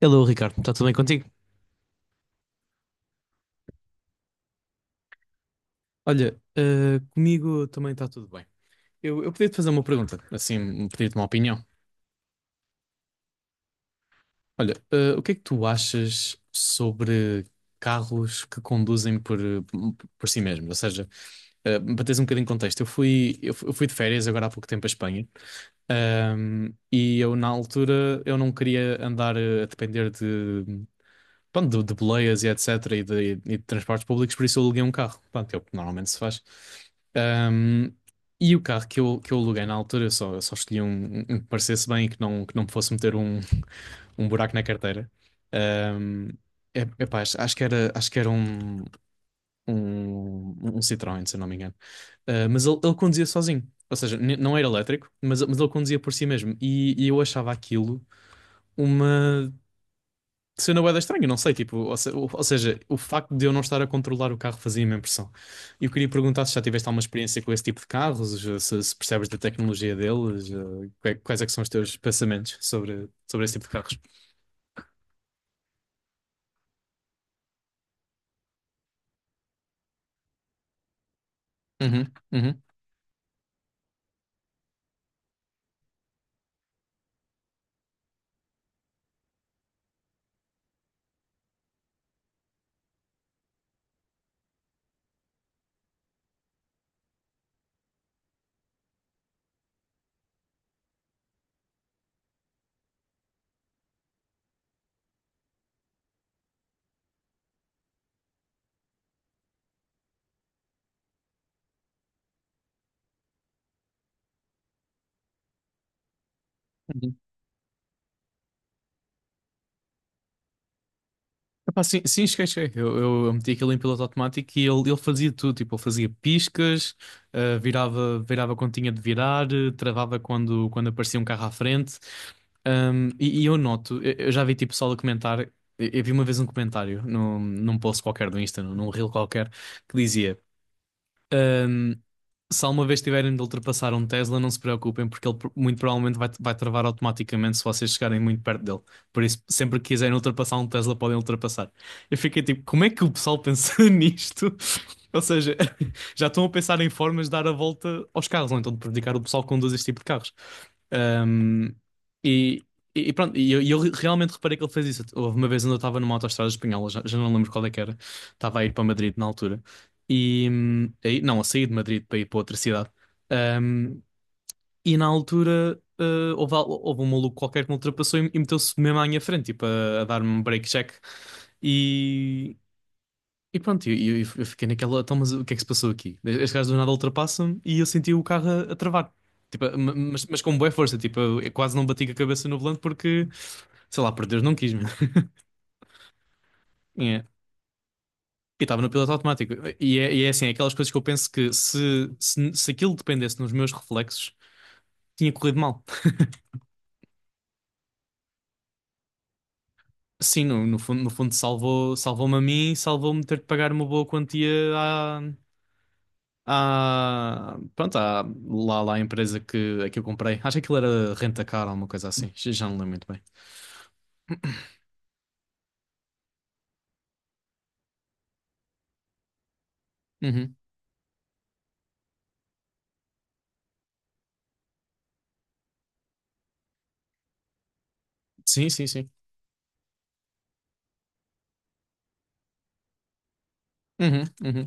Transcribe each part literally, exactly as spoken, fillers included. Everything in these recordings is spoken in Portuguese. Hello, Ricardo, está tudo bem contigo? Olha, eh, comigo também está tudo bem. Eu, eu podia-te fazer uma pergunta, assim, pedir-te uma opinião. Olha, eh, o que é que tu achas sobre carros que conduzem por, eh, por si mesmos? Ou seja, eh, para teres um bocadinho de contexto, eu fui, eu fu- eu fui de férias agora há pouco tempo à Espanha, ahm, e eu na altura eu não queria andar eh, a depender de, pronto, de, de boleias e et cetera. E de, e de transportes públicos, por isso eu aluguei um carro. Pronto, é o que normalmente se faz. Ahm, e o carro que eu, que eu aluguei na altura, eu só, eu só escolhi um, um que me parecesse bem e que não, que não me fosse meter um, um buraco na carteira. Ahm, é, Epá, acho, acho que era, acho que era um, um, um Citroën, se eu não me engano. Ah, mas ele, ele conduzia sozinho. Ou seja, n- não era elétrico, mas, mas ele conduzia por si mesmo. E, e eu achava aquilo uma cena bué da estranha, não sei, tipo, ou, se- ou- ou seja, o facto de eu não estar a controlar o carro fazia-me impressão. E eu queria perguntar se já tiveste alguma experiência com esse tipo de carros, eh, se, se percebes da tecnologia deles, eh, que- quais é que são os teus pensamentos sobre, sobre esse tipo de carros? Uhum, uhum. Epá, sim, sim, esquece. Esquece. Eu, eu, eu meti aquilo em piloto automático e ele, ele fazia tudo. Tipo, ele fazia piscas, ah, virava, virava quando tinha de virar, eh, travava quando, quando aparecia um carro à frente. Ahm, e, e eu noto, eu, eu já vi tipo pessoal a comentar. Eu, eu vi uma vez um comentário num, num post qualquer do Insta, num, num reel qualquer, que dizia. Ahm, Se alguma vez tiverem de ultrapassar um Tesla, não se preocupem, porque ele pro- muito provavelmente vai, vai travar automaticamente se vocês chegarem muito perto dele. Por isso, sempre que quiserem ultrapassar um Tesla, podem ultrapassar. Eu fiquei tipo, como é que o pessoal pensa nisto? Ou seja, já estão a pensar em formas de dar a volta aos carros, ou então de prejudicar o pessoal que conduz este tipo de carros. Um, e, e pronto, e eu, e eu realmente reparei que ele fez isso. Houve uma vez onde eu estava numa autoestrada espanhola, já, já não lembro qual é que era, estava a ir para Madrid na altura, e hum, aí, não, a sair de Madrid para ir para outra cidade. Hum, e na altura eh, houve, al- houve um maluco qualquer que me ultrapassou e, e meteu-se mesmo à minha frente, tipo, a, a dar-me um break check. E, e pronto, eu, eu- eu fiquei naquela, então, mas o que é que se passou aqui? Este gajo do nada ultrapassa-me e eu senti o carro a, a travar. Tipo, ma- mas, mas com boa força, tipo, eu quase não bati com a cabeça no volante porque, sei lá, por Deus, não quis mesmo. E estava no piloto automático. E é, e é assim, é aquelas coisas que eu penso que se, se, se aquilo dependesse dos meus reflexos, tinha corrido mal. Sim, no, no fundo, no fundo salvou, salvou-me a mim e salvou-me ter de pagar uma boa quantia à, à, pronto, à, lá, lá à empresa que, a que eu comprei. Acho que aquilo era Rentacar ou alguma coisa assim. Já já não lembro muito bem. Uhum. Sim, sim, sim. Uhum, uhum,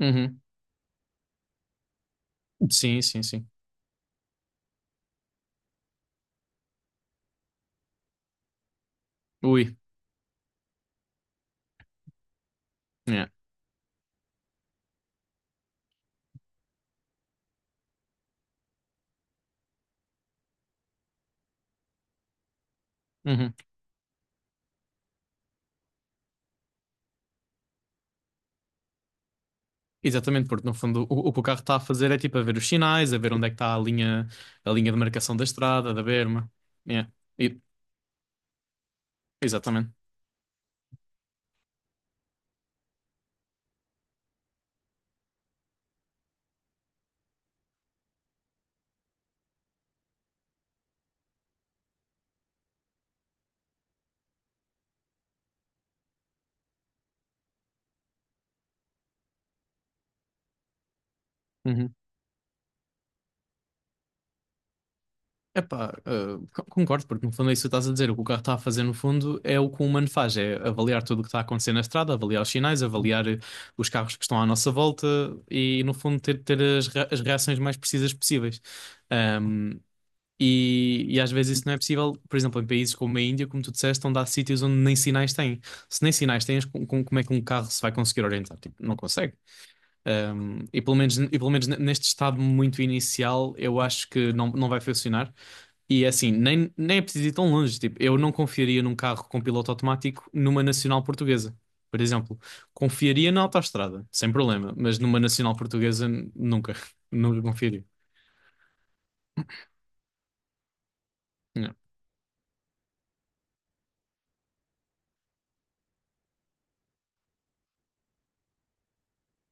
uhum. Sim, sim, sim. Ui. Yeah. Uhum. Exatamente, porque no fundo o, o que o carro está a fazer é tipo a ver os sinais, a ver onde é que está a linha, a linha de marcação da estrada, da berma. Yeah. E- Exatamente. Uhum. Epá, eh, co- concordo, porque no fundo é isso que estás a dizer. O que o carro está a fazer no fundo é o que o humano faz, é avaliar tudo o que está a acontecer na estrada, avaliar os sinais, avaliar eh, os carros que estão à nossa volta e no fundo ter, ter as, re- as reações mais precisas possíveis. E, e às vezes isso não é possível, por exemplo, em países como a Índia, como tu disseste, onde há sítios onde nem sinais têm. Se nem sinais tens, com- com- como é que um carro se vai conseguir orientar? Tipo, não consegue. Um, e pelo menos, e pelo menos neste estado muito inicial, eu acho que não, não vai funcionar. E é assim, nem, nem é preciso ir tão longe. Tipo, eu não confiaria num carro com piloto automático numa nacional portuguesa, por exemplo. Confiaria na autoestrada, sem problema, mas numa nacional portuguesa, nunca. Nunca confiaria. Não.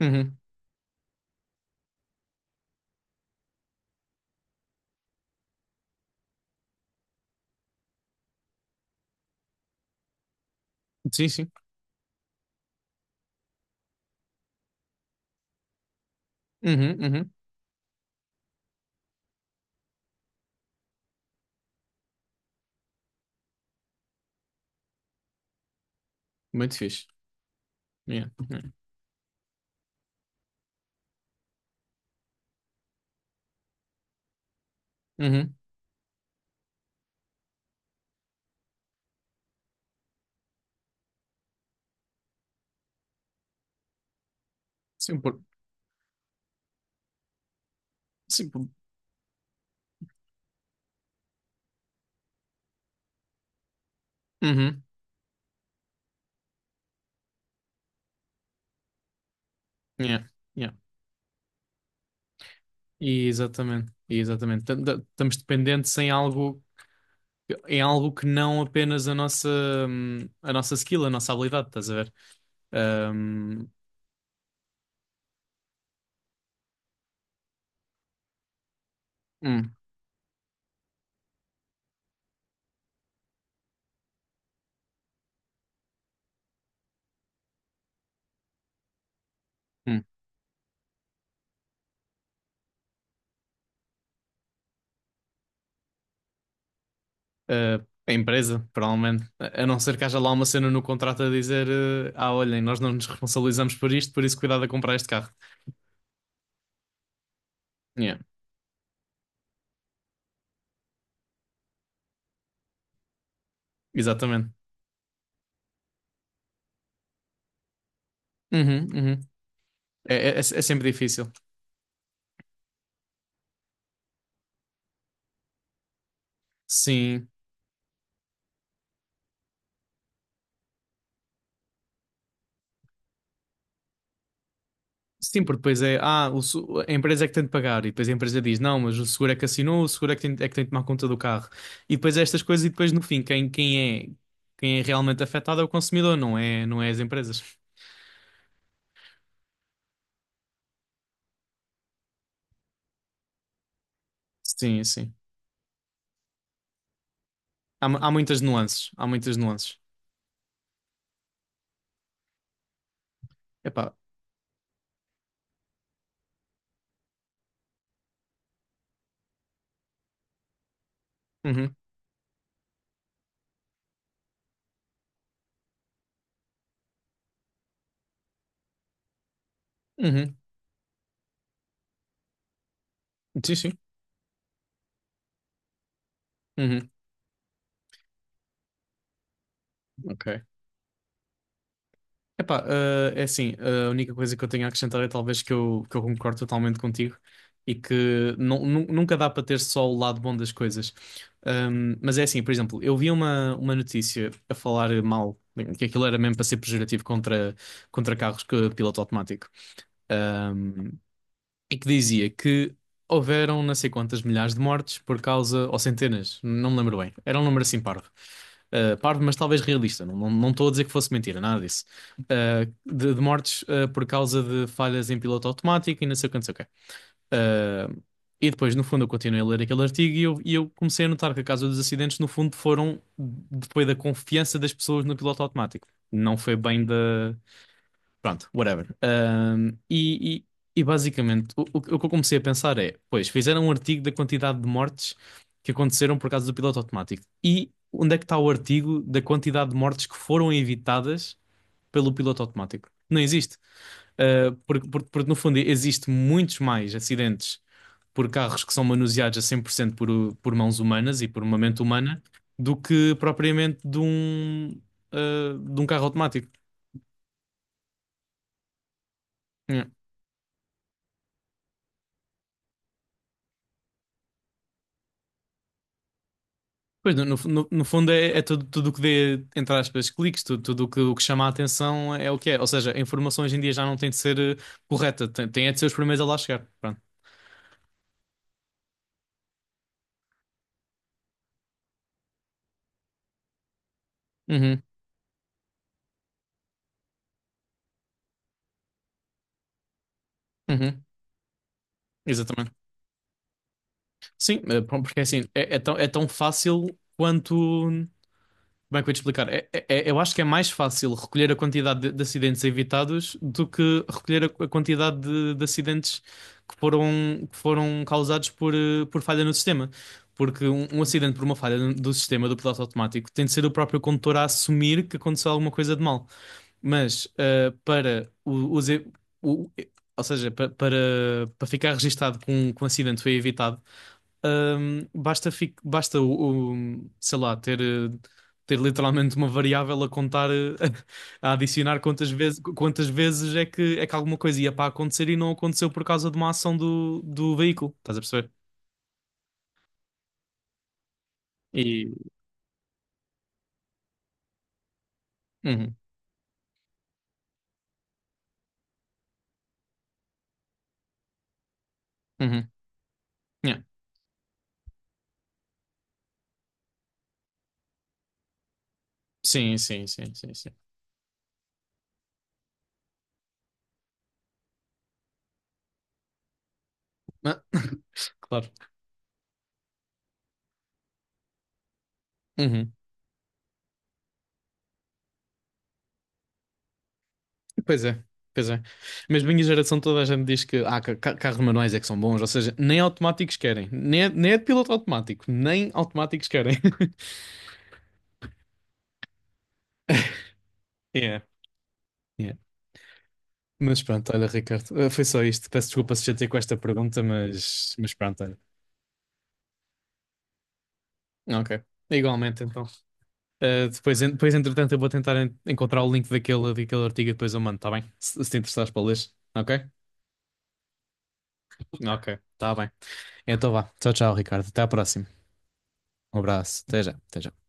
Uhum. Sim, sim. Uhum, uhum. Muito fixe. Yeah, yeah. Uhum. Sim, por... Sim, por... Uhum. Yeah, yeah. E exatamente, e exatamente. Tam- da- Estamos dependentes em algo, em algo que não apenas a nossa, hum, a nossa skill, a nossa habilidade, estás a ver? Hum, hum, hum. Uh, a empresa, provavelmente. A a não ser que haja lá uma cena no contrato a dizer, eh, ah, olhem, nós não nos responsabilizamos por isto, por isso cuidado a comprar este carro. Yeah, exatamente. Uhum, uhum. É, é é sempre difícil. Sim. Sim, porque depois é, ah, o se- a empresa é que tem de pagar, e depois a empresa diz, não, mas o seguro é que assinou, o seguro é que tem, é que tem de tomar conta do carro. E depois é estas coisas, e depois no fim, quem, quem é, quem é realmente afetado é o consumidor, não é, não é as empresas. Sim, sim. Há, mu- há muitas nuances, há muitas nuances. Epá, uhum, uhum, sim, sim, uhum, ok. Epá, ah, é assim, eh, a única coisa que eu tenho a acrescentar é talvez que eu, que eu concordo totalmente contigo e que nu- nu- nunca dá para ter só o lado bom das coisas. Ahm, mas é assim, por exemplo, eu vi uma, uma notícia a falar mal, que aquilo era mesmo para ser pejorativo contra, contra carros que piloto automático e que dizia que houveram não sei quantas milhares de mortes por causa, ou centenas, não me lembro bem. Era um número assim parvo. Uh, parvo, mas talvez realista. Não, não, não estou a dizer que fosse mentira, nada disso. Uh, de, de mortes uh, por causa de falhas em piloto automático e não sei o que, não sei o quê. Uh, e depois, no fundo, eu continuei a ler aquele artigo e eu, e eu comecei a notar que a causa dos acidentes, no fundo, foram depois da confiança das pessoas no piloto automático. Não foi bem da. Pronto, whatever. Ahm, e, e- e basicamente o, o- o que eu comecei a pensar é: pois, fizeram um artigo da quantidade de mortes que aconteceram por causa do piloto automático. E onde é que está o artigo da quantidade de mortes que foram evitadas pelo piloto automático? Não existe. Ah, porque, porque- porque, no fundo existe muitos mais acidentes por carros que são manuseados a cem por cento por, por mãos humanas e por uma mente humana do que propriamente de um, ah, de um carro automático. É. Pois, no, no, no- no fundo é, é tudo, tudo o que dê, entre aspas, cliques, tudo, tudo o que, o que chama a atenção é o que é. Ou seja, a informação hoje em dia já não tem de ser eh, correta, tem, tem é de ser os primeiros a lá chegar. Pronto. Uhum, uhum, exatamente. Sim, eh, pronto, porque assim, é, é tão, é tão fácil quanto. Como é que eu ia te explicar? É- é- é- eu acho que é mais fácil recolher a quantidade de, de acidentes evitados do que recolher a, a quantidade de, de acidentes que foram, que foram causados por, eh, por falha no sistema. Porque um, um acidente por uma falha no do sistema do piloto automático tem de ser o próprio condutor a assumir que aconteceu alguma coisa de mal. Mas eh, para o, os e- o- e- ou seja, pa- para, para ficar registado que um, que um acidente foi evitado, hum, basta, fi- basta o, o- sei lá, ter. Eh, ter literalmente uma variável a contar, eh, a adicionar quantas vezes, quantas vezes é que, é que alguma coisa ia para acontecer e não aconteceu por causa de uma ação do, do veículo, estás a perceber? E. Uhum, uhum, yeah. Sim, sim, sim, sim, sim. Ah, claro. Uhum. Pois é, pois é. Mas minha geração toda a gente diz que ah, ca- ca- carros manuais é que são bons, ou seja, nem automáticos querem, nem é, nem é de piloto automático, nem automáticos querem. Yeah. Mas pronto, olha, Ricardo, eh, foi só isto. Peço desculpa se já te com esta pergunta, mas, mas pronto, olha. Ok. Igualmente, então. Eh, depois, en- depois, entretanto, eu vou tentar en- encontrar o link daquele, daquele artigo e depois eu mando, tá bem? Se, se te interessares para ler. Ok? Ok, tá bem. Então vá. Tchau, tchau, Ricardo. Até à próxima. Um abraço. Até já. Até já.